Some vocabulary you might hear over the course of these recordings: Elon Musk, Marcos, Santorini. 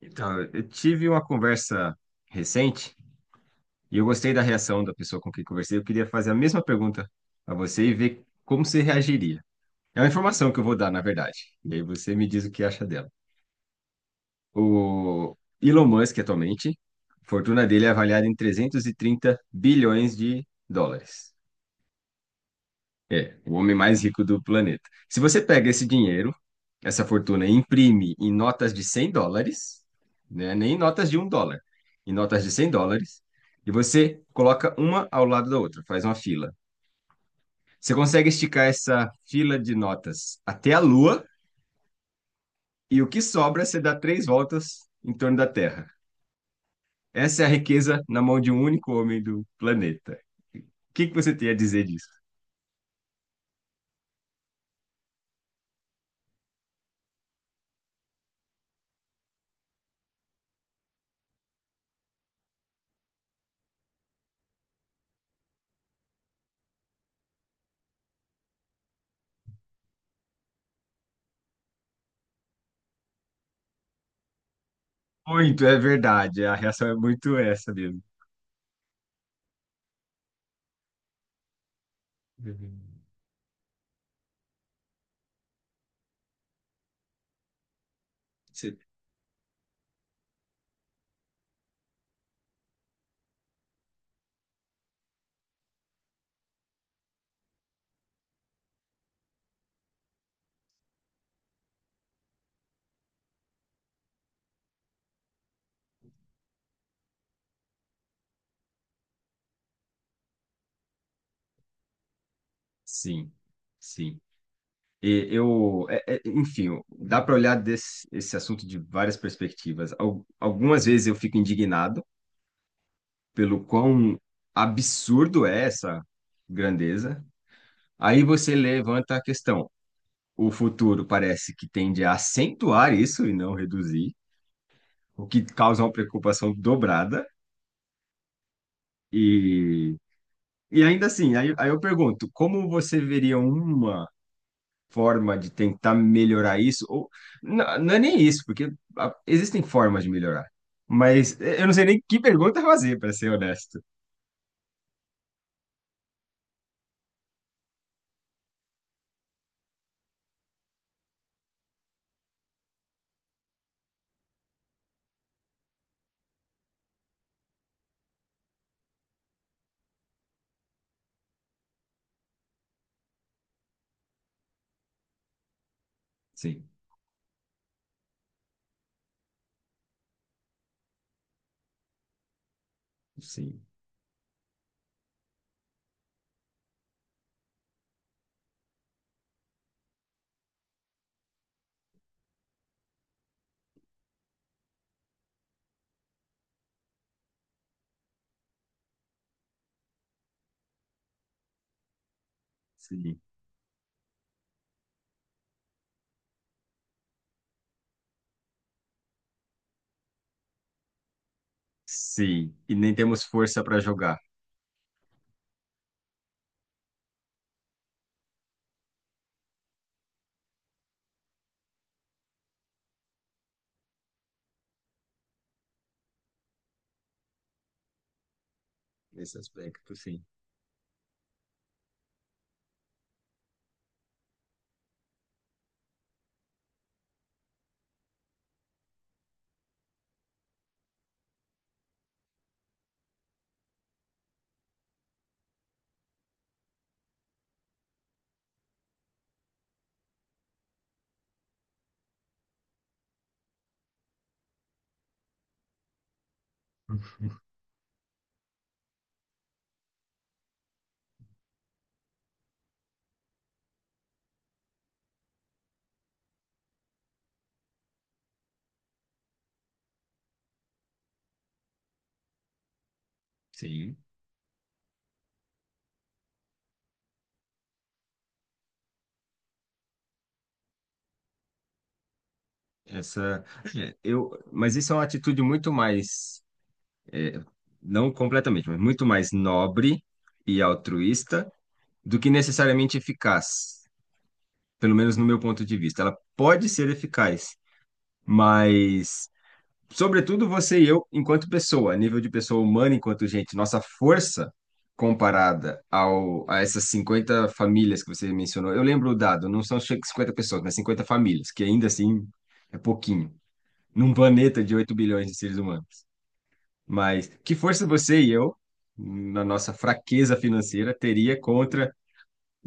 Então, eu tive uma conversa recente e eu gostei da reação da pessoa com quem conversei. Eu queria fazer a mesma pergunta a você e ver como você reagiria. É uma informação que eu vou dar, na verdade. E aí você me diz o que acha dela. O Elon Musk, atualmente, a fortuna dele é avaliada em 330 bilhões de dólares. É, o homem mais rico do planeta. Se você pega esse dinheiro, essa fortuna, e imprime em notas de 100 dólares, né, nem em notas de 1 dólar, em notas de 100 dólares, e você coloca uma ao lado da outra, faz uma fila. Você consegue esticar essa fila de notas até a Lua, e o que sobra você dá três voltas em torno da Terra. Essa é a riqueza na mão de um único homem do planeta. O que que você tem a dizer disso? Muito, é verdade. A reação é muito essa mesmo. Uhum. Você Sim, sim. E eu, enfim, dá para olhar esse assunto de várias perspectivas. Algumas vezes eu fico indignado pelo quão absurdo é essa grandeza. Aí você levanta a questão. O futuro parece que tende a acentuar isso e não reduzir, o que causa uma preocupação dobrada. E, e ainda assim, aí eu pergunto, como você veria uma forma de tentar melhorar isso, ou não, não é nem isso, porque ah, existem formas de melhorar, mas eu não sei nem que pergunta fazer, para ser honesto. Sim, sim, sim, sim. E nem temos força para jogar nesse aspecto, sim, sim. Essa, é, eu, mas isso é uma atitude muito mais, não completamente, mas muito mais nobre e altruísta do que necessariamente eficaz, pelo menos no meu ponto de vista. Ela pode ser eficaz. Mas, sobretudo, você e eu, enquanto pessoa, nível de pessoa humana, enquanto gente, nossa força comparada a essas 50 famílias que você mencionou. Eu lembro o dado, não são 50 pessoas, mas 50 famílias, que ainda assim é pouquinho, num planeta de 8 bilhões de seres humanos. Mas que força você e eu, na nossa fraqueza financeira, teria contra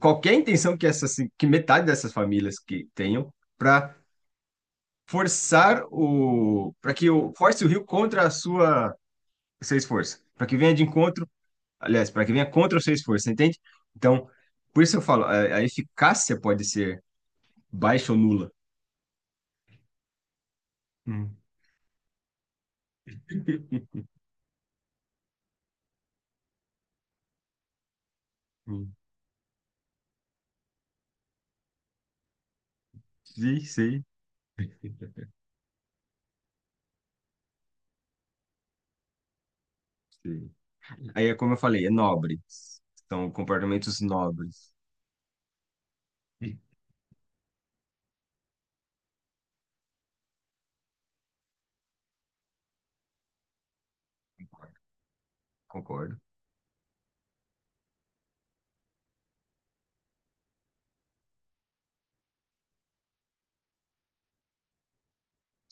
qualquer intenção que essas, que metade dessas famílias que tenham para forçar o para que o force o Rio contra a sua seu esforço, para que venha de encontro, aliás, para que venha contra o seu esforço, você entende? Então, por isso eu falo, a eficácia pode ser baixa ou nula. Hum, hum. Sim, sim, sim. Aí, é como eu falei, é nobre. São comportamentos nobres. Sim. Concordo.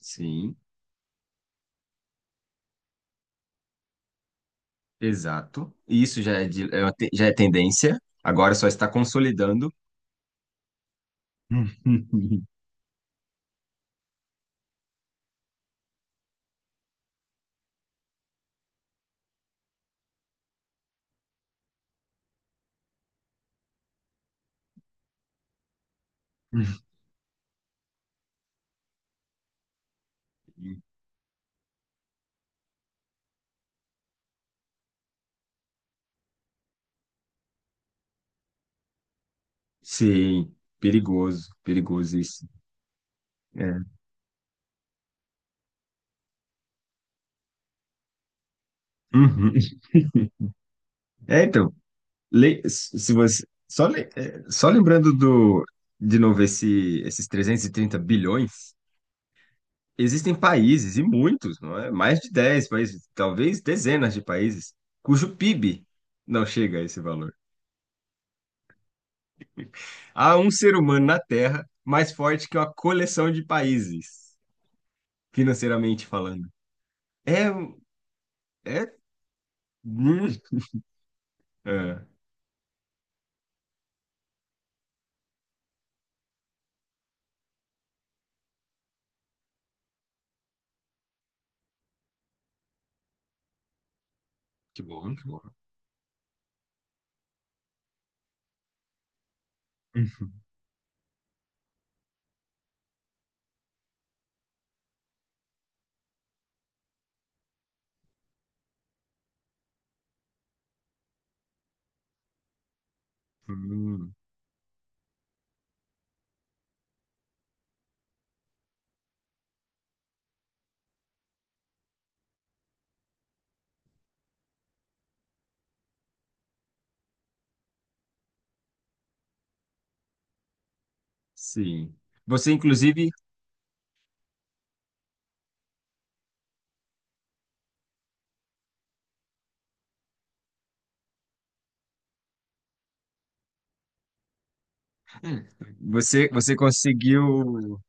Sim, exato. Isso já é, é uma já é tendência, agora só está consolidando. Sim, perigoso, perigoso isso. É, Uhum. É, então, se você, só, só lembrando do, de novo esses 330 bilhões, existem países, e muitos, não é? Mais de 10 países, talvez dezenas de países, cujo PIB não chega a esse valor. Há um ser humano na Terra mais forte que uma coleção de países, financeiramente falando. É, é, hum, é. Que bom, que bom. Sim. Você, inclusive, você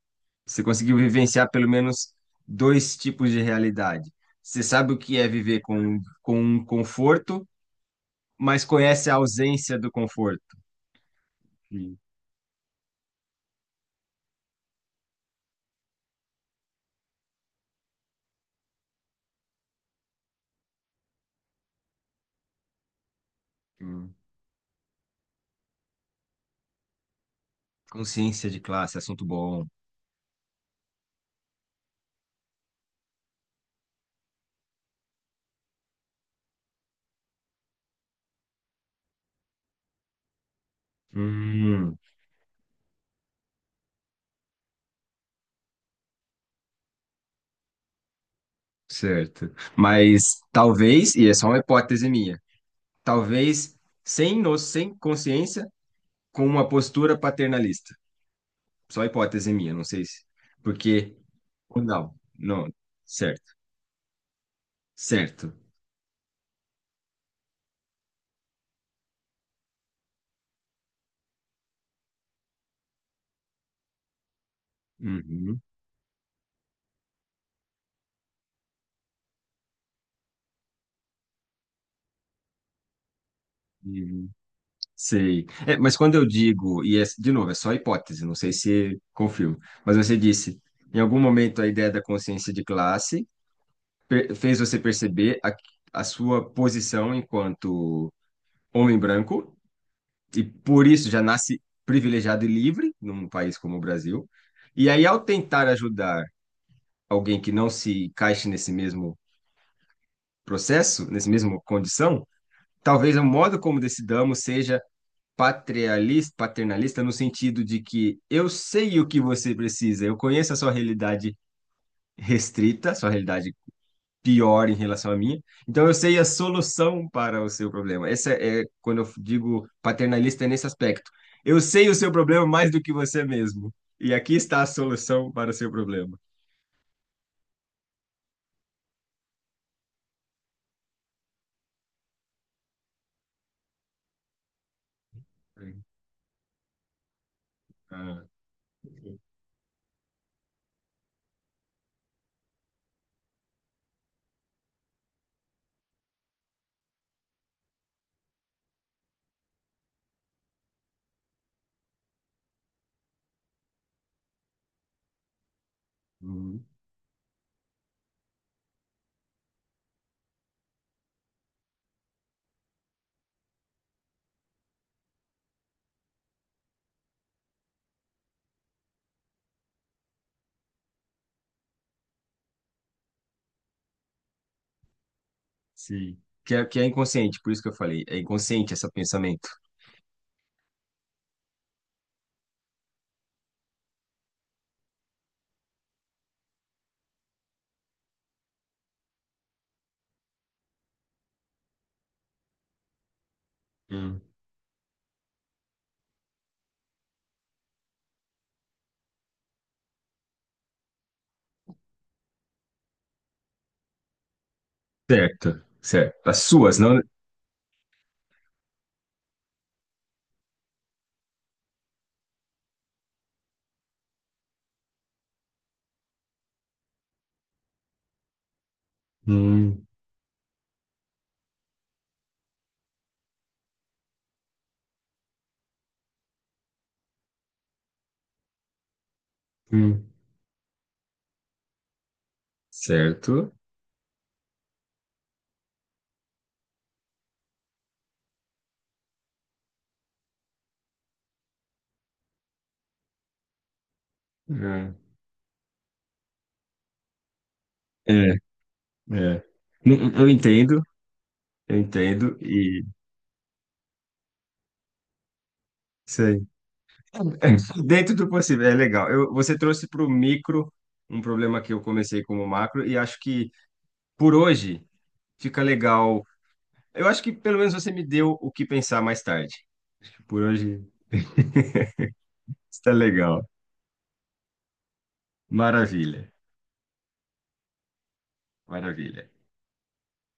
você conseguiu vivenciar pelo menos dois tipos de realidade. Você sabe o que é viver com um conforto, mas conhece a ausência do conforto. Sim. Hum. Consciência de classe, assunto bom. Hum, certo. Mas talvez, e é só uma hipótese minha, talvez sem consciência, com uma postura paternalista. Só hipótese minha, não sei se. Porque. Ou não, não. Certo, certo. Uhum, uhum, sei. É, mas quando eu digo, e é, de novo, é só hipótese, não sei se confirmo, mas você disse, em algum momento a ideia da consciência de classe fez você perceber a sua posição enquanto homem branco, e por isso já nasce privilegiado e livre num país como o Brasil. E aí, ao tentar ajudar alguém que não se encaixe nesse mesmo processo, nesse mesmo condição, talvez o modo como decidamos seja patrialista, paternalista no sentido de que eu sei o que você precisa, eu conheço a sua realidade restrita, a sua realidade pior em relação à minha, então eu sei a solução para o seu problema. Essa é quando eu digo paternalista é nesse aspecto. Eu sei o seu problema mais do que você mesmo. E aqui está a solução para o seu problema. Ah, uhum. Sim. Que é inconsciente, por isso que eu falei. É inconsciente esse pensamento. Hum. Certo. Certo. As suas, não. Hum, hum. Certo. É. É. É. Eu entendo, eu entendo. E sei. Dentro do possível, é legal. Você trouxe para o micro um problema que eu comecei como macro, e acho que por hoje fica legal. Eu acho que pelo menos você me deu o que pensar mais tarde. Por hoje está legal. Maravilha, maravilha.